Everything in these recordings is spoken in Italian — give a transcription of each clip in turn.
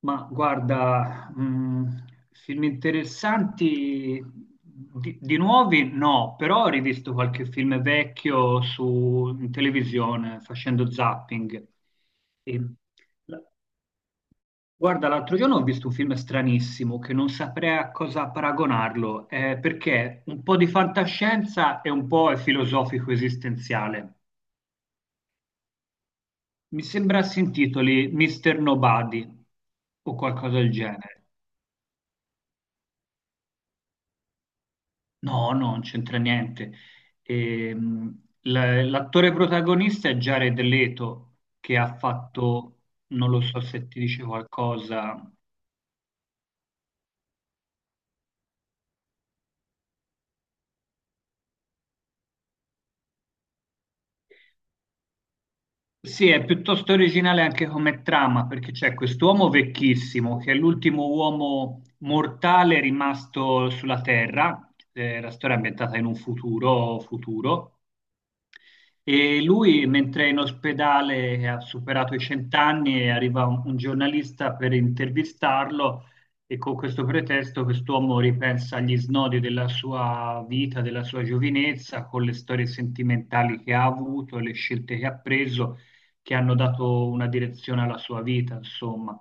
Ma guarda, film interessanti di nuovi no, però ho rivisto qualche film vecchio su, in televisione facendo zapping. E la- guarda, l'altro giorno ho visto un film stranissimo che non saprei a cosa paragonarlo, perché un po' di fantascienza e un po' è filosofico esistenziale. Mi sembra si intitoli Mr. Nobody o qualcosa del genere. No, no, non c'entra niente. L'attore protagonista è Jared Leto, che ha fatto, non lo so se ti dice qualcosa. Sì, è piuttosto originale anche come trama, perché c'è quest'uomo vecchissimo, che è l'ultimo uomo mortale rimasto sulla Terra, la storia è ambientata in un futuro, e lui, mentre è in ospedale, ha superato i 100 anni, e arriva un giornalista per intervistarlo e con questo pretesto quest'uomo ripensa agli snodi della sua vita, della sua giovinezza, con le storie sentimentali che ha avuto, le scelte che ha preso che hanno dato una direzione alla sua vita, insomma,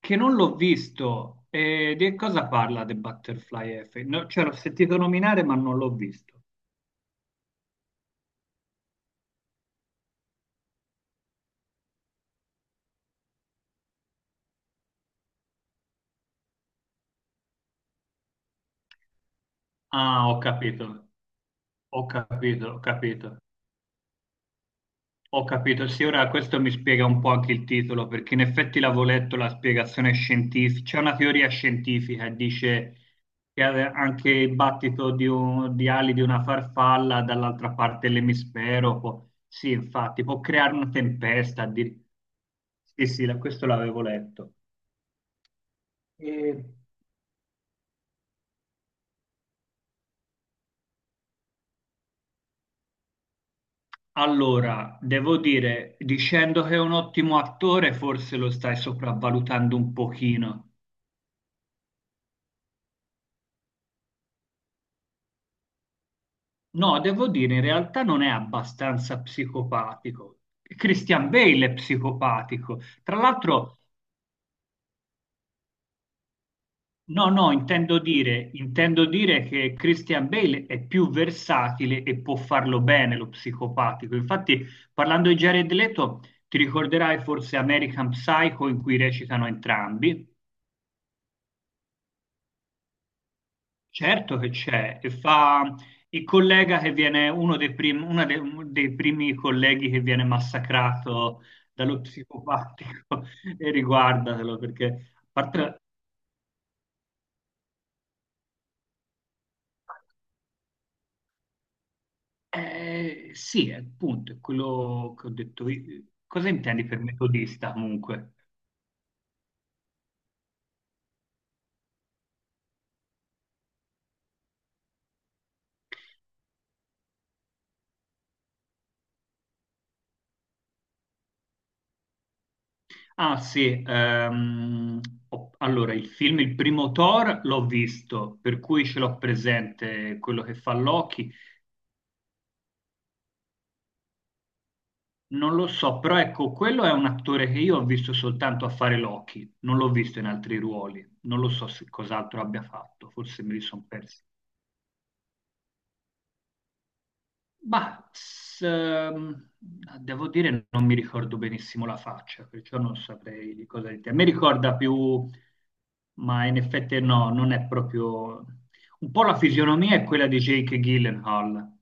che non l'ho visto. E di cosa parla The Butterfly Effect? No, cioè, l'ho sentito nominare, ma non l'ho visto. Ah, ho capito, ho capito, ho capito. Ho capito, sì, ora questo mi spiega un po' anche il titolo, perché in effetti l'avevo letto la spiegazione scientifica, c'è una teoria scientifica che dice che anche il battito di, di ali di una farfalla dall'altra parte dell'emisfero può, sì, infatti, può creare una tempesta. Sì, sì, questo l'avevo letto. E allora, devo dire, dicendo che è un ottimo attore, forse lo stai sopravvalutando un pochino. No, devo dire, in realtà non è abbastanza psicopatico. Christian Bale è psicopatico. Tra l'altro, no, no, intendo dire che Christian Bale è più versatile e può farlo bene lo psicopatico. Infatti, parlando di Jared Leto, ti ricorderai forse American Psycho in cui recitano entrambi. Certo che c'è, e fa il collega che viene, uno dei primi colleghi che viene massacrato dallo psicopatico, e riguardatelo perché, a parte, sì, appunto, è quello che ho detto io. Cosa intendi per metodista comunque? Ah sì, allora il film, il primo Thor l'ho visto, per cui ce l'ho presente quello che fa Loki. Non lo so, però ecco, quello è un attore che io ho visto soltanto a fare Loki, non l'ho visto in altri ruoli, non lo so se cos'altro abbia fatto, forse me li sono persi. Ma s- ehm, devo dire, non mi ricordo benissimo la faccia, perciò non saprei di cosa dire. Mi ricorda più, ma in effetti no, non è proprio... Un po' la fisionomia è quella di Jake Gyllenhaal.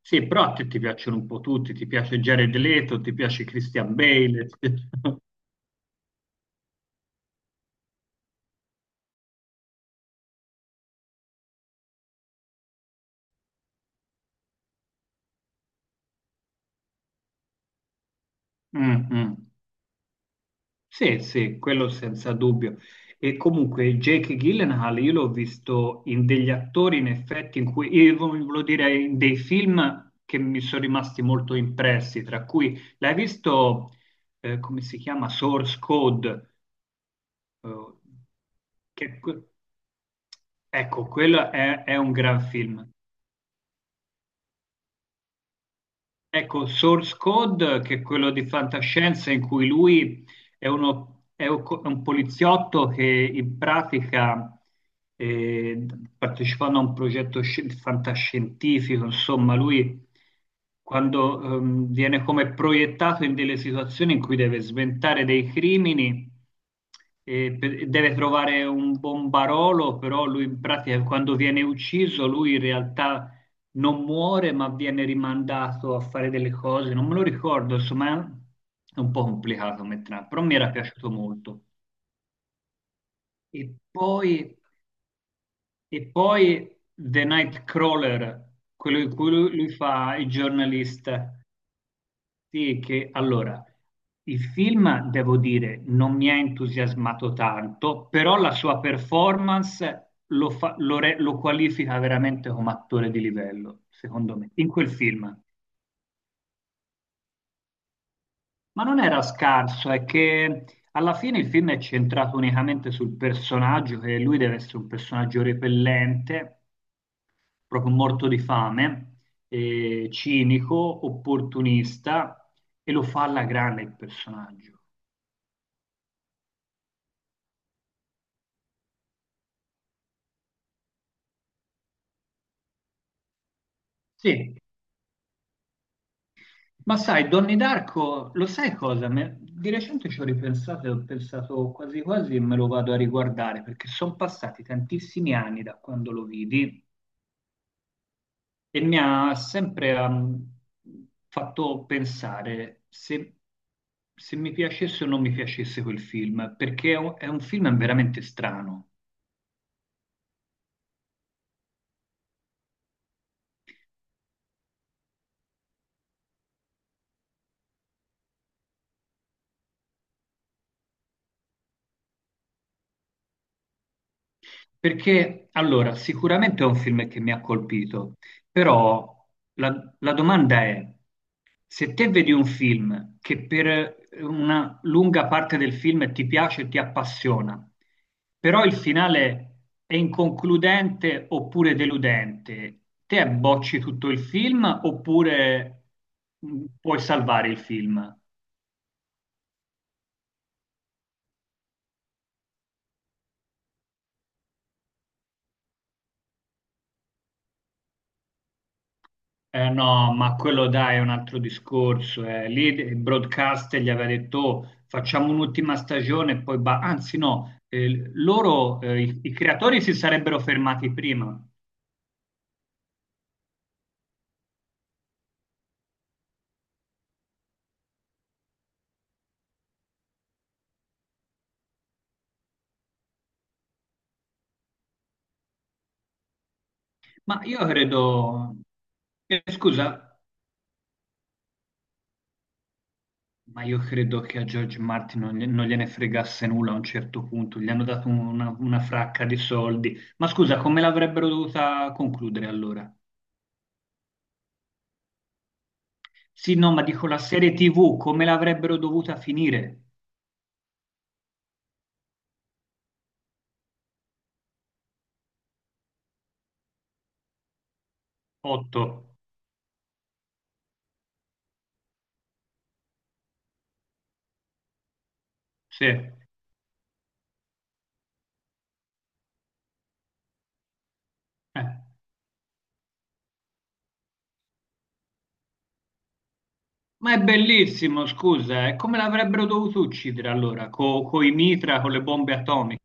Sì, però a te ti piacciono un po' tutti, ti piace Jared Leto, ti piace Christian Bale. ti piace- Mm, mm. Sì, sì, quello senza dubbio. E comunque Jake Gyllenhaal io l'ho visto in degli attori, in effetti, in cui, io volevo dire, in dei film che mi sono rimasti molto impressi, tra cui l'hai visto, come si chiama, Source Code, eh, che- ecco, quello è un gran film. Ecco, Source Code, che è quello di fantascienza in cui lui è, è un poliziotto che in pratica, eh, partecipando a un progetto fantascientifico, insomma, lui quando viene come proiettato in delle situazioni in cui deve sventare dei crimini e deve trovare un bombarolo, però lui in pratica quando viene ucciso, lui in realtà non muore ma viene rimandato a fare delle cose, non me lo ricordo, insomma è un po' complicato metterla, però mi era piaciuto molto. E poi, e poi The Nightcrawler, quello in cui lui, lui fa il giornalista. Sì, che allora, il film, devo dire, non mi ha entusiasmato tanto, però la sua performance lo fa- lo re- lo qualifica veramente come attore di livello, secondo me, in quel film. Ma non era scarso, è che alla fine il film è centrato unicamente sul personaggio, che lui deve essere un personaggio repellente, proprio morto di fame, cinico, opportunista, e lo fa alla grande il personaggio. Sì, ma sai, Donnie Darko, lo sai cosa? Di recente ci ho ripensato e ho pensato quasi quasi me lo vado a riguardare, perché sono passati tantissimi anni da quando lo vidi. E mi ha sempre fatto pensare se, se mi piacesse o non mi piacesse quel film, perché è è un film veramente strano. Perché allora, sicuramente è un film che mi ha colpito, però la domanda è, se te vedi un film che per una lunga parte del film ti piace e ti appassiona, però il finale è inconcludente oppure deludente, te bocci tutto il film oppure puoi salvare il film? Eh no, ma quello dai è un altro discorso, eh. Lì il broadcaster gli aveva detto: "Oh, facciamo un'ultima stagione e poi ba-". Anzi no, loro, i creatori si sarebbero fermati prima. Ma io credo, scusa, ma io credo che a George Martin non, non gliene fregasse nulla a un certo punto. Gli hanno dato una fracca di soldi. Ma scusa, come l'avrebbero dovuta concludere allora? Sì, no, ma dico la serie TV, come l'avrebbero dovuta finire? Otto. Sì. Ma è bellissimo, scusa, eh. Come l'avrebbero dovuto uccidere allora? Con i mitra, con le bombe atomiche?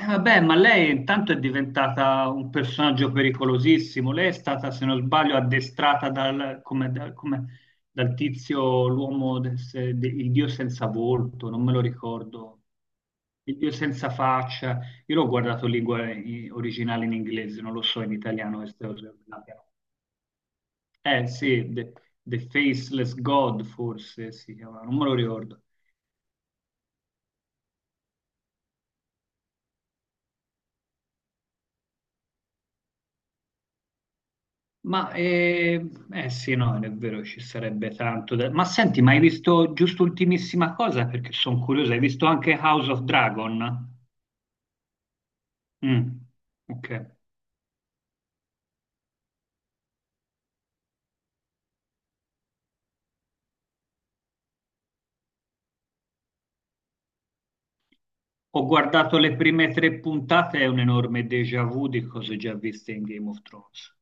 Vabbè, ma lei intanto è diventata un personaggio pericolosissimo. Lei è stata, se non sbaglio, addestrata dal, come, dal tizio, l'uomo, del se- de- il dio senza volto, non me lo ricordo. Il dio senza faccia. Io l'ho guardato in lingua originale in inglese, non lo so in italiano queste cose. Eh sì, The Faceless God forse si chiama, non me lo ricordo. Ma sì, no, è vero, ci sarebbe tanto da... Ma senti, ma hai visto giusto ultimissima cosa? Perché sono curiosa, hai visto anche House of Dragon? Mm, ok. Ho guardato le prime 3 puntate, è un enorme déjà vu di cose già viste in Game of Thrones.